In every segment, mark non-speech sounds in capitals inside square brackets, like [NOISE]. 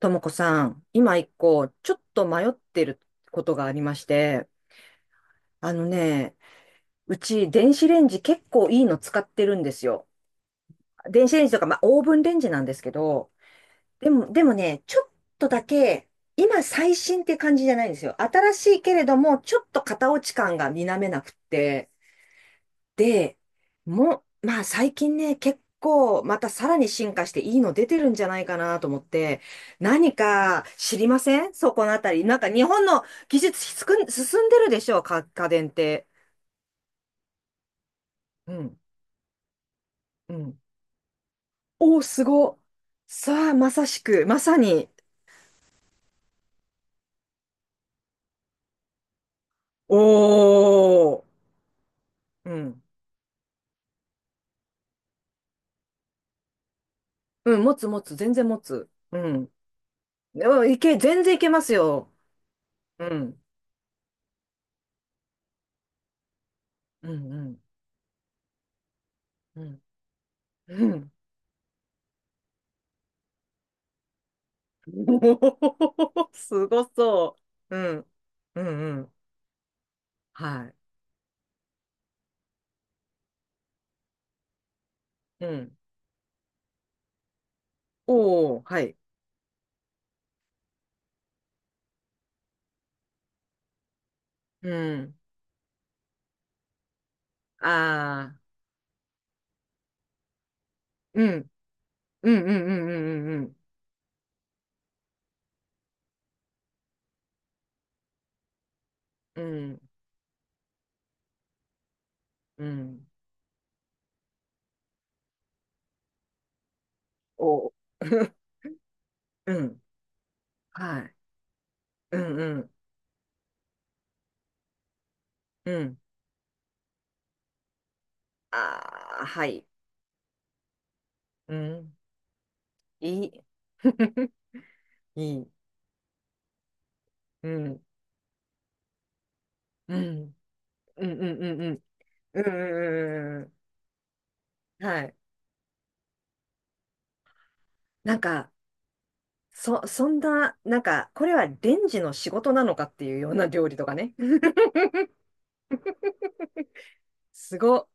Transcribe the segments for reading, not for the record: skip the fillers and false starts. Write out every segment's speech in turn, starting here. ともこさん、今一個、ちょっと迷ってることがありまして、あのね、うち電子レンジ結構いいの使ってるんですよ。電子レンジとか、まあオーブンレンジなんですけど、でもね、ちょっとだけ、今最新って感じじゃないんですよ。新しいけれども、ちょっと型落ち感が否めなくって、で、まあ最近ね、結構またさらに進化していいの出てるんじゃないかなと思って、何か知りませんそこのあたり？なんか日本の技術しつく進んでるでしょうか家電って？うん、うん。おー、すご。さあ、まさしく、まさに。おー。うん。うん、持つ持つ、全然持つ。うん。でも全然いけますよ。うん。うん、うん、うん。うん [LAUGHS] おお、すごそう。うん。うんうん。はい。うん。おお、はい。うん。ああ、うん。うんうんうんうんうんうん。うん。うん。おお。[LAUGHS] うん。はい。うんうんうん。ああ、はい、うん。いい。[LAUGHS] いい。うん。うん。うんうんうんうん。うんうんうんうんうん。はい。なんか、そんな、なんか、これはレンジの仕事なのかっていうような料理とかね。すご。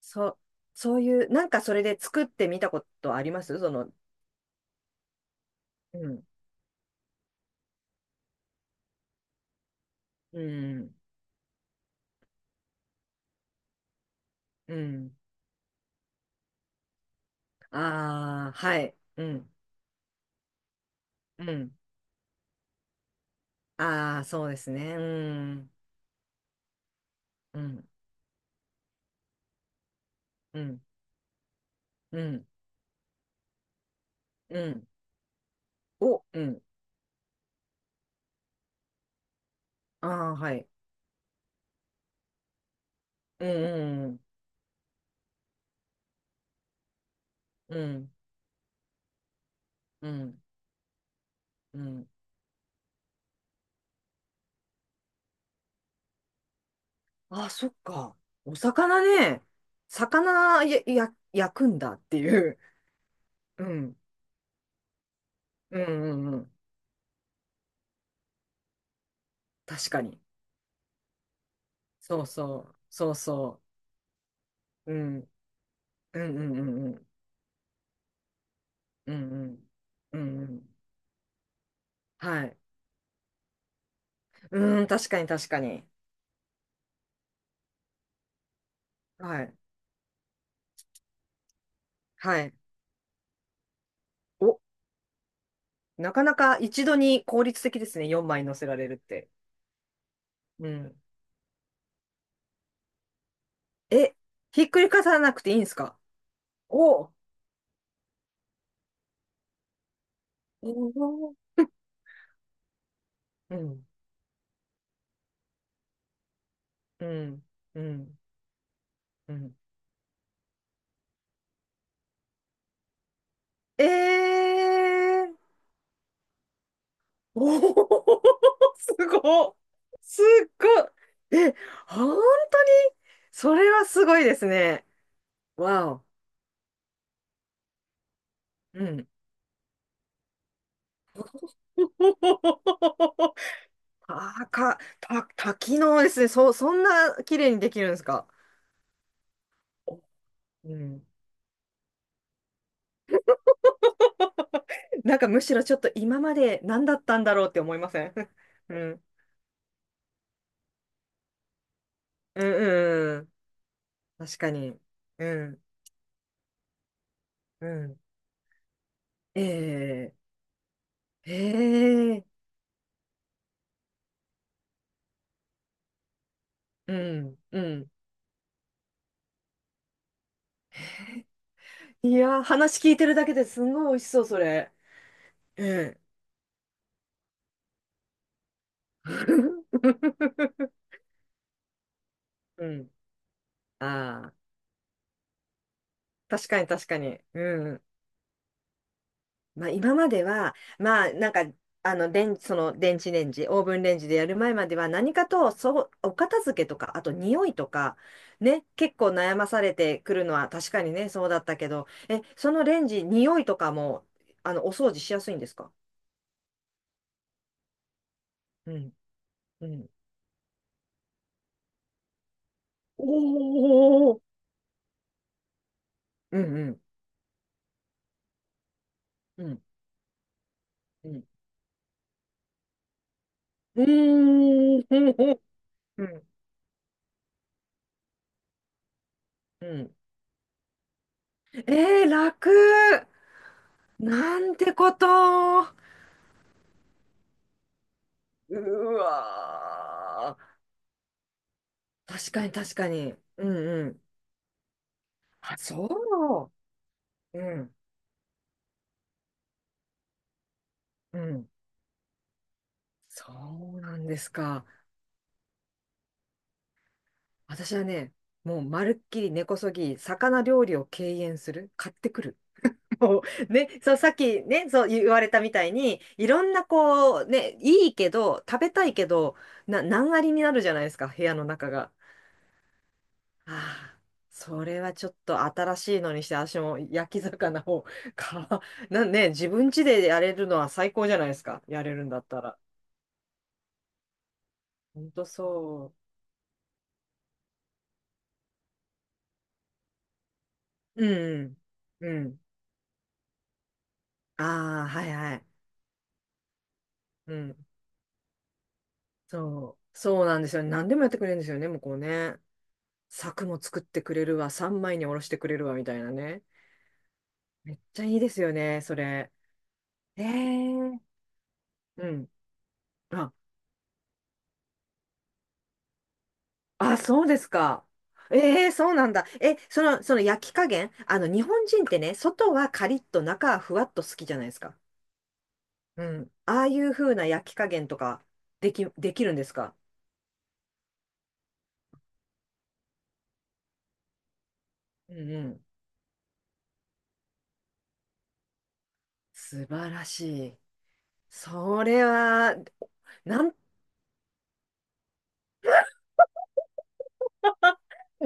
そう、そういう、なんかそれで作ってみたことあります？うん、うん、うん。ああ、はい、うん、うん。ああ、そうですね。うん、うん、うん、うん、うん。お、うん。ああ、はい。うん、うん、うん、うん、うん。ああ、そっか。お魚ね。魚焼くんだっていう。うん、うん、うん、うん。確かに。そうそう、そうそう。うん、うん、うん、うん、うん、うん、うん、うんうん。はい。うん、確かに、確かに。はい、はい。お、なかなか一度に効率的ですね。4枚乗せられるって。うん。え、ひっくり返さなくていいんですか？お、おー、うん、うん、うん、うん。えーおお、すごっ。すっごい。え、本当にそれはすごいですね。わお。うん。[LAUGHS] あー多機能ですね。そんな綺麗にできるんですか？うん。[LAUGHS] なんかむしろちょっと今まで何だったんだろうって思いません？ [LAUGHS] うん。うんうんうん。確かに。うん。うん。ええ、ええ、うん。うん。いやー、話聞いてるだけですんごい美味しそう、それ。うん。[LAUGHS] うん。ああ、確かに、確かに。うん。まあ今までは、まあなんか、その電子レンジ、オーブンレンジでやる前までは何かと、そう、お片付けとか、あと匂いとか、ね、結構悩まされてくるのは確かにね、そうだったけど、え、そのレンジ、匂いとかも、お掃除しやすいんですか？うん。うん。おー、うん、うん。うん。うん。うーん、ほうほう。うん、うん。えー、楽。なんてこと。うわー。確かに、確かに。うん、うん。あ、そう。うん、うん。そうなんですか。私はね、もうまるっきり根こそぎ、魚料理を敬遠する。買ってくる。もう、ね、そう、さっきね、そう言われたみたいに、いろんなこう、ね、いいけど、食べたいけど、難ありになるじゃないですか、部屋の中が。ああ、それはちょっと新しいのにして、私も焼き魚を [LAUGHS] か、なんね、自分家でやれるのは最高じゃないですか。やれるんだったら。ほんとそう。うん。うん。ああ、はいはい。うん。そう。そうなんですよね。何でもやってくれるんですよね、向こうね。柵も作ってくれるわ、三枚におろしてくれるわ、みたいなね。めっちゃいいですよね、それ。ええ、うん。あ、あ、そうですか。ええ、そうなんだ。え、その焼き加減、日本人ってね、外はカリッと中はふわっと好きじゃないですか。うん。ああいう風な焼き加減とか、できるんですか？うん、うん。素晴らしい。それは、なん、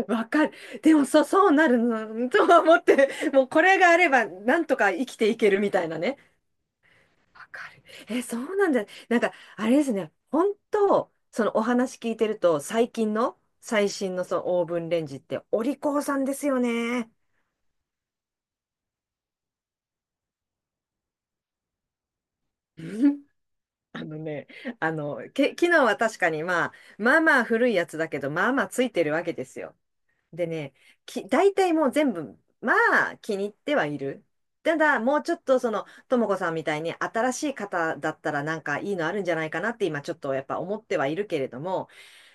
わかる。でも、そう、そうなるの、とは思って、もうこれがあれば、なんとか生きていけるみたいなね。わかる。え、そうなんだ。なんか、あれですね。本当、そのお話聞いてると、最近の、最新のそのオーブンレンジって、お利口さんですよね。[LAUGHS] うんあのね、機能は確かにまあ、まあまあ古いやつだけど、まあまあついてるわけですよ。でね、大体もう全部、まあ気に入ってはいる。ただ、もうちょっとともこさんみたいに新しい方だったらなんかいいのあるんじゃないかなって今ちょっとやっぱ思ってはいるけれども、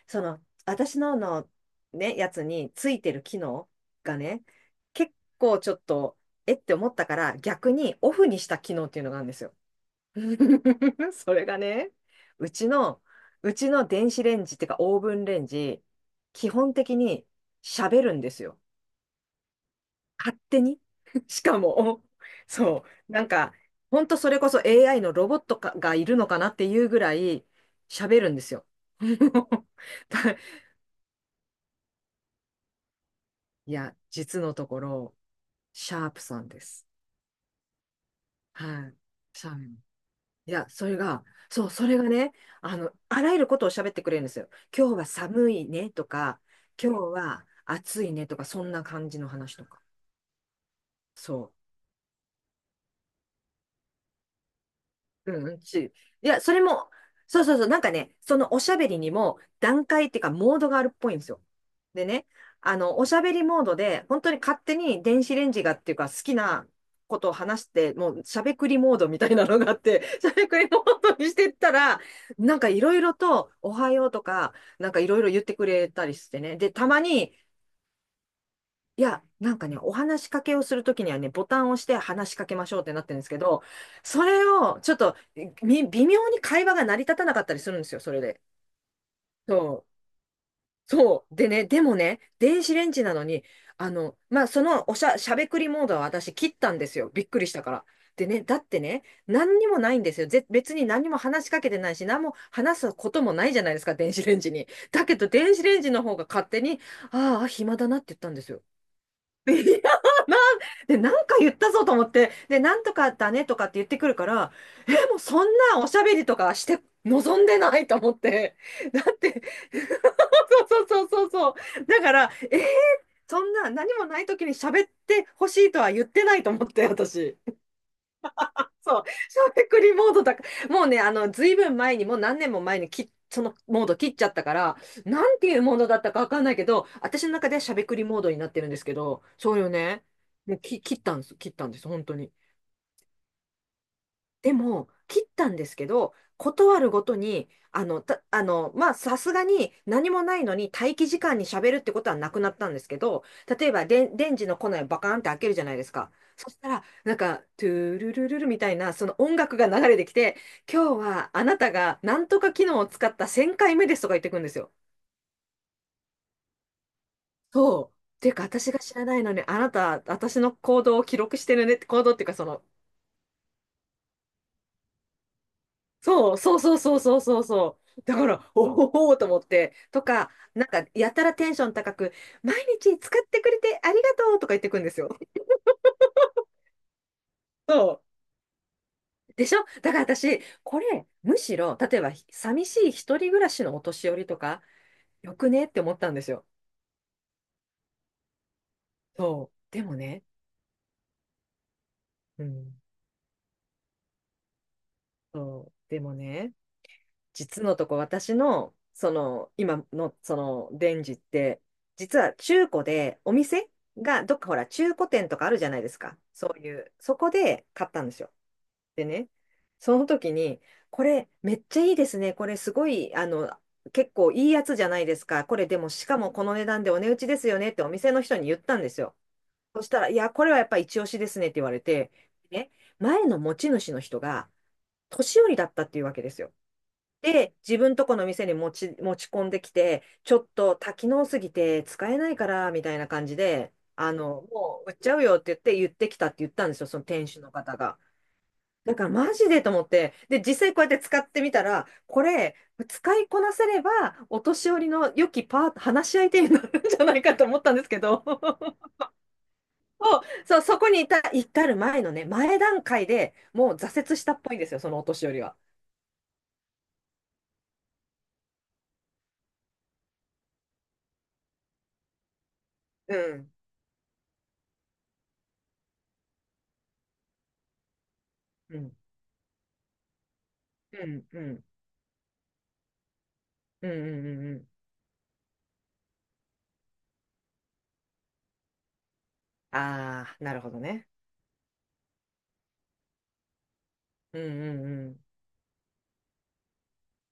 その、私のね、やつについてる機能がね、結構ちょっと、えって思ったから、逆にオフにした機能っていうのがあるんですよ。[LAUGHS] それがね、うちの、うちの電子レンジっていうかオーブンレンジ、基本的に喋るんですよ。勝手に。[LAUGHS] しかも、そう、なんか、ほんとそれこそ AI のロボットかがいるのかなっていうぐらい喋るんですよ。[LAUGHS] だいや、実のところ、シャープさんです。はい。シャープ。いや、それが、そう、それがね、あらゆることを喋ってくれるんですよ。今日は寒いねとか、今日は暑いねとか、そんな感じの話とか。そう。うん、つい。いや、それも、そうそうそう、なんかね、そのおしゃべりにも段階っていうか、モードがあるっぽいんですよ。でね、おしゃべりモードで、本当に勝手に電子レンジがっていうか、好きなことを話して、もうしゃべくりモードみたいなのがあって、[LAUGHS] しゃべくりモードにしてったら、なんかいろいろと、おはようとか、なんかいろいろ言ってくれたりしてね。で、たまに、いや、なんかね、お話しかけをするときにはね、ボタンを押して話しかけましょうってなってるんですけど、それをちょっと微妙に会話が成り立たなかったりするんですよ、それで。そう。そう。でね、でもね、電子レンジなのに、まあ、そのおしゃ、しゃべくりモードは私切ったんですよ。びっくりしたから。でね、だってね、何にもないんですよ。別に何にも話しかけてないし、何も話すこともないじゃないですか、電子レンジに。だけど、電子レンジの方が勝手に、ああ、暇だなって言ったんですよ。[LAUGHS] いや、な、で、なんか言ったぞと思って、で、なんとかだねとかって言ってくるから、え、もうそんなおしゃべりとかして望んでないと思って、だって、[LAUGHS] そうそうそうそうそう、だから、そんな何もない時に喋ってほしいとは言ってないと思って、私。そう、小テクリモードだから、もうね、ずいぶん前に、もう何年も前にそのモード切っちゃったから、なんていうモードだったかわかんないけど、私の中ではしゃべくりモードになってるんですけど、それをね、もうき、切ったんです、本当に。でも、切ったんですけど、断るごとに、まあ、さすがに何もないのに待機時間に喋るってことはなくなったんですけど、例えばで、電池のコネをバカーンって開けるじゃないですか。そしたら、なんか、トゥルルルルみたいな、その音楽が流れてきて、今日はあなたがなんとか機能を使った1000回目ですとか言ってくるんですよ。そう。っていうか、私が知らないのに、あなた、私の行動を記録してるね行動っていうか、その、そう、そう。だから、おおと思って、とか、なんか、やたらテンション高く、毎日使ってくれてありがとうとか言ってくんですよ。[LAUGHS] そう。でしょだから私、これ、むしろ、例えば、寂しい一人暮らしのお年寄りとか、よくねって思ったんですよ。そう。でもね、うん。そう。でもね、実のとこ私の、その、今のその、デンジって、実は中古でお店が、どっかほら、中古店とかあるじゃないですか。そういう、そこで買ったんですよ。でね、その時に、これめっちゃいいですね。これすごい、結構いいやつじゃないですか。これでも、しかもこの値段でお値打ちですよねってお店の人に言ったんですよ。そしたら、いや、これはやっぱ一押しですねって言われて、ね、前の持ち主の人が年寄りだったっていうわけですよ。で、自分とこの店に持ち込んできて、ちょっと多機能すぎて使えないから、みたいな感じで、あの、もう売っちゃうよって言って言ってきたって言ったんですよ、その店主の方が。だからマジでと思って、で、実際こうやって使ってみたら、これ、使いこなせれば、お年寄りの良きパート、話し相手になるんじゃないかと思ったんですけど、[LAUGHS] そそうそこに至る前のね、前段階でもう挫折したっぽいんですよ、そのお年寄りは。うん。うん。うん。うん。うん。うん。うん。うんああ、なるほどね。うんうんうん。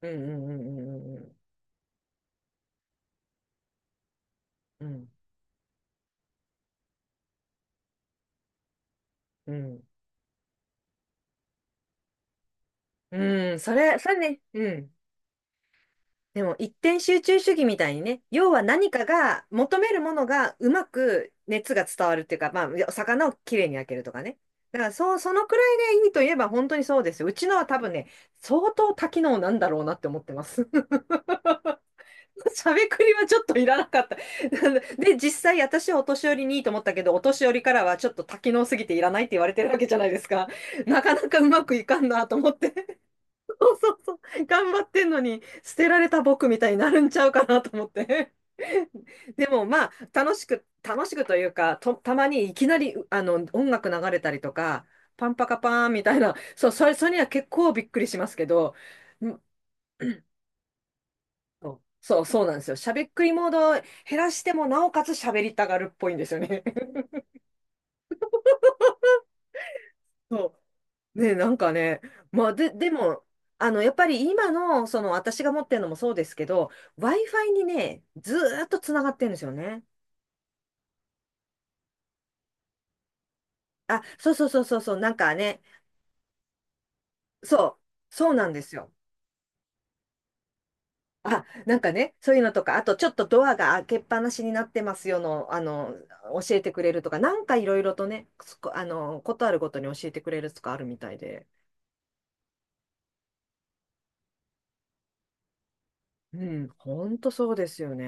うんうんうんうんうんうん。うん。うん、それ、それね。うん。でも一点集中主義みたいにね、要は何かが求めるものがうまく熱が伝わるっていうか、まあ、魚をきれいに焼けるとかね。だからそう、そのくらいでいいといえば本当にそうですよ。うちのは多分ね、相当多機能なんだろうなって思ってます。[LAUGHS] しゃべくりはちょっといらなかった。[LAUGHS] で、実際私はお年寄りにいいと思ったけど、お年寄りからはちょっと多機能すぎていらないって言われてるわけじゃないですか。[LAUGHS] なかなかうまくいかんなと思って。[LAUGHS] そう。頑張ってんのに、捨てられた僕みたいになるんちゃうかなと思って。[LAUGHS] でもまあ、楽しくというか、と、たまにいきなり、音楽流れたりとか、パンパカパーンみたいな、そう、それには結構びっくりしますけど、そう、そうそうなんですよ。しゃべっくりモードを減らしても、なおかつ喋りたがるっぽいんですよね。[LAUGHS] そう。ね、なんかね、でも、あの、やっぱり今の、その、私が持ってるのもそうですけど、Wi-Fi にね、ずーっとつながってるんですよね。あ、そう、なんかね、そう、そうなんですよ。あ、なんかね、そういうのとか、あとちょっとドアが開けっぱなしになってますよの、教えてくれるとか、なんかいろいろとね、すこあの、ことあるごとに教えてくれるとかあるみたいで。うん、本当そうですよね。